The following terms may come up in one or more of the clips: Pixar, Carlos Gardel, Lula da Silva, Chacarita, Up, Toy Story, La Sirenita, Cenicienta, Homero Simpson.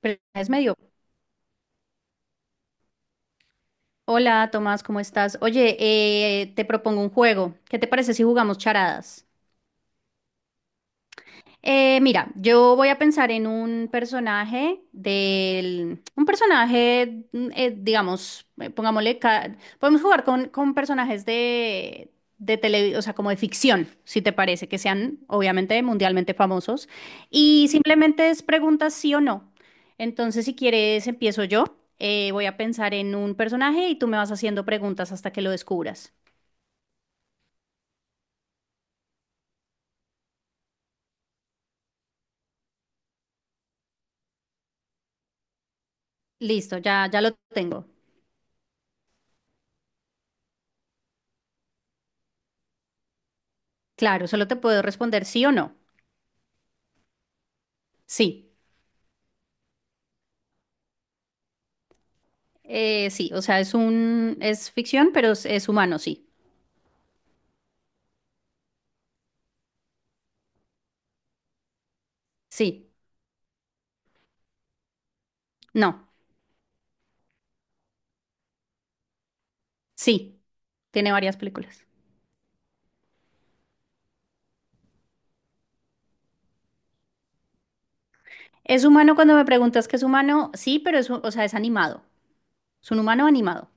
Pero es medio. Hola, Tomás, ¿cómo estás? Oye, te propongo un juego. ¿Qué te parece si jugamos charadas? Mira, yo voy a pensar en un personaje, digamos, pongámosle, podemos jugar con personajes de tele, o sea, como de ficción, si te parece, que sean obviamente mundialmente famosos. Y simplemente es preguntas sí o no. Entonces, si quieres, empiezo yo. Voy a pensar en un personaje y tú me vas haciendo preguntas hasta que lo descubras. Listo, ya lo tengo. Claro, solo te puedo responder sí o no. Sí. Sí, o sea, es ficción, pero es humano, sí. Sí, no, sí. Tiene varias películas. Es humano cuando me preguntas que es humano, sí, pero o sea, es animado. Es un humano animado.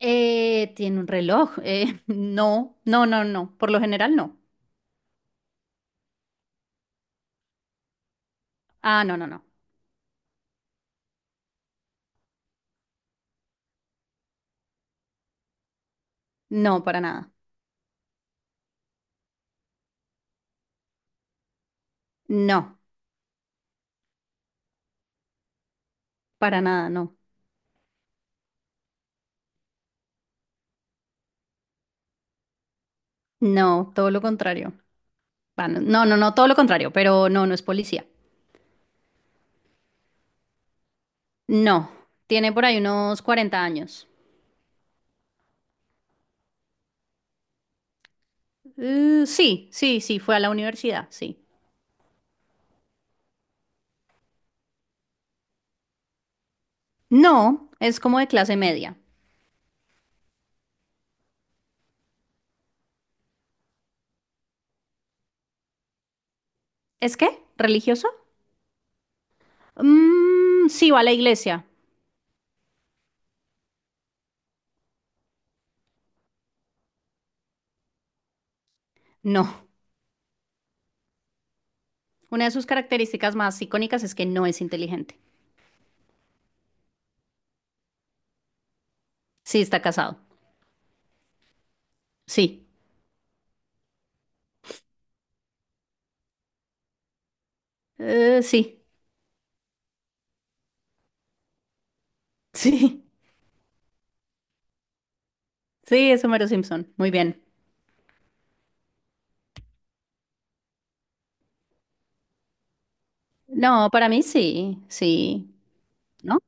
Tiene un reloj. No, no, no, no. Por lo general, no. Ah, no, no, no. No, para nada. No, para nada, no. No, todo lo contrario. Va, no, no, no, no, todo lo contrario, pero no, no es policía. No, tiene por ahí unos 40 años. Sí, sí, sí, fue a la universidad, sí. No, es como de clase media. ¿Es qué? ¿Religioso? Mm, sí, va a la iglesia. No, una de sus características más icónicas es que no es inteligente. Sí, está casado. Sí. Sí, sí, sí, es Homero Simpson. Muy bien. No, para mí sí, sí, ¿no?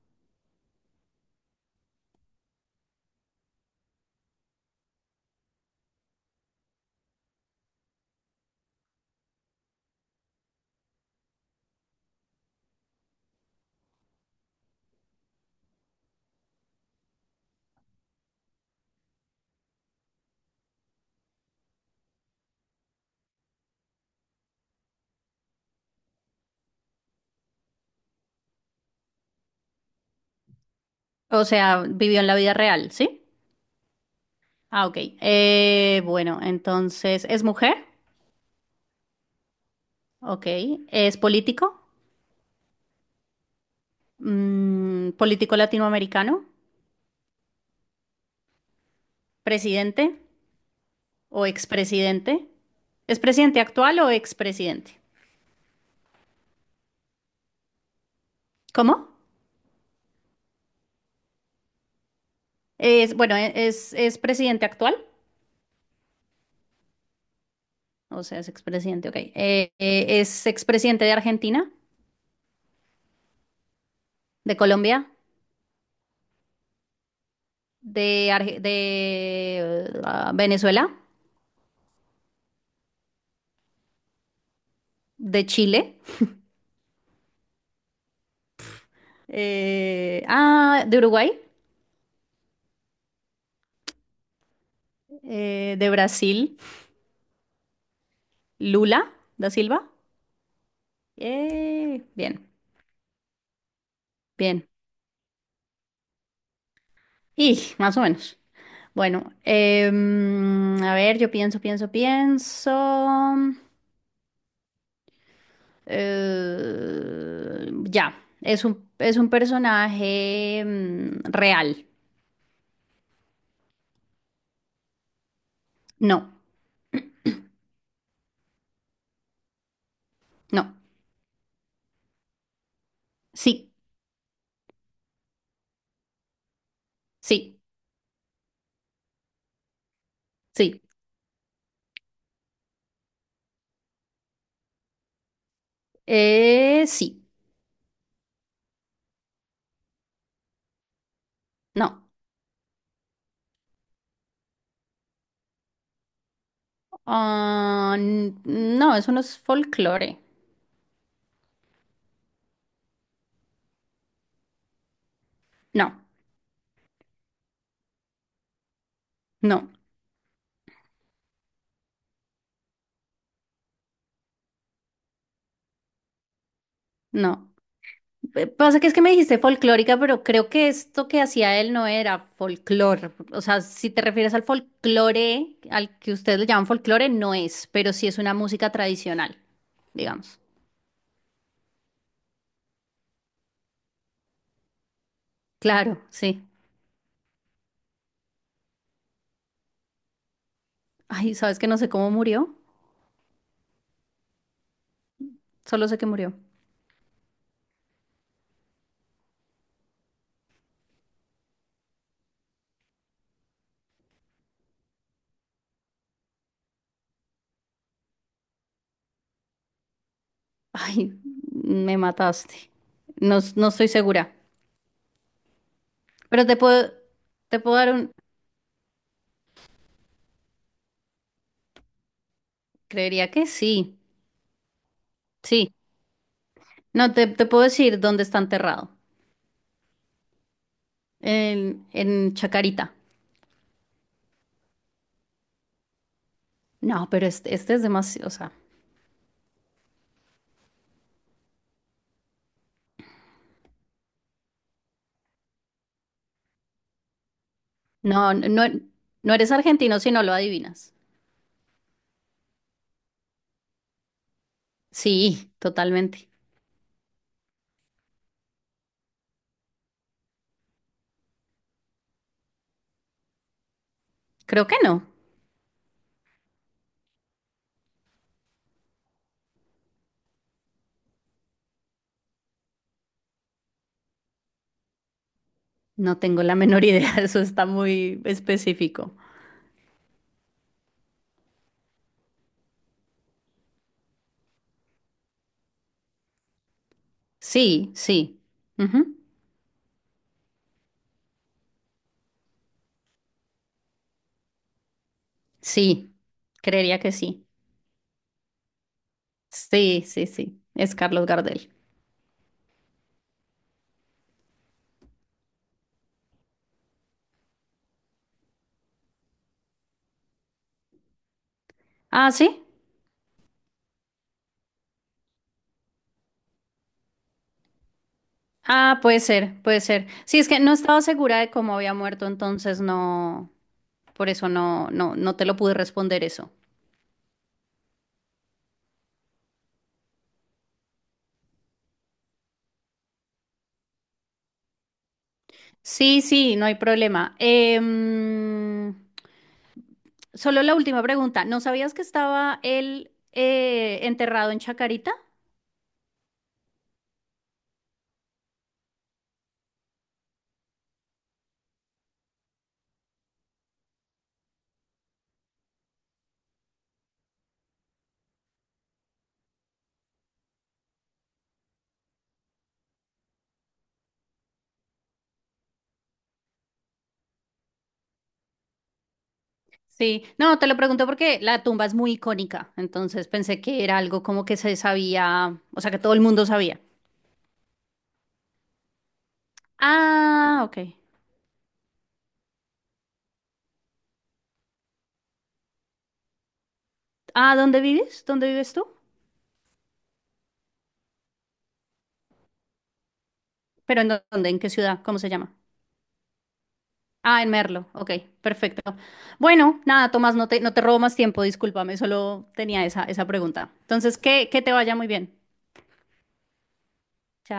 O sea, vivió en la vida real, ¿sí? Ah, ok. Bueno, entonces, ¿es mujer? Ok. ¿Es político? Mm, político latinoamericano, presidente o expresidente. ¿Es presidente actual o expresidente? ¿Cómo? Es presidente actual, o sea, es expresidente, ok. Es expresidente de Argentina, de Colombia, de Venezuela, de Chile, de Uruguay, de Brasil, Lula da Silva. Bien, bien. Y más o menos. Bueno, a ver, yo pienso, pienso, pienso. Ya, es un personaje real. No, no. Sí, sí, sí. Sí, no. Ah, no, eso no es folclore. No, no, no. Pasa que es que me dijiste folclórica, pero creo que esto que hacía él no era folclore. O sea, si te refieres al folclore, al que ustedes le llaman folclore, no es, pero sí es una música tradicional, digamos. Claro, sí. Ay, ¿sabes que no sé cómo murió? Solo sé que murió. Ay, me mataste. No, no estoy segura. Pero te puedo, te puedo dar un... Creería que sí, sí. No, te puedo decir dónde está enterrado. En Chacarita. No, pero este es demasiado, o sea, no, no, no eres argentino si no lo adivinas. Sí, totalmente. Creo que no. No tengo la menor idea, eso está muy específico. Sí, sí. Ujú. Sí, creería que sí. Sí, sí, sí. Es Carlos Gardel. Ah, sí. Ah, puede ser, puede ser. Sí, es que no estaba segura de cómo había muerto, entonces no, por eso no, no, no te lo pude responder eso. Sí, sí, no hay problema. Solo la última pregunta. ¿No sabías que estaba él enterrado en Chacarita? Sí, no, te lo pregunto porque la tumba es muy icónica, entonces pensé que era algo como que se sabía, o sea, que todo el mundo sabía. Ah, ok. Ah, ¿dónde vives? ¿Dónde vives tú? ¿Pero dónde? ¿En qué ciudad? ¿Cómo se llama? Ah, en Merlo. Ok, perfecto. Bueno, nada, Tomás, no te robo más tiempo, discúlpame, solo tenía esa pregunta. Entonces, que te vaya muy bien. Chao.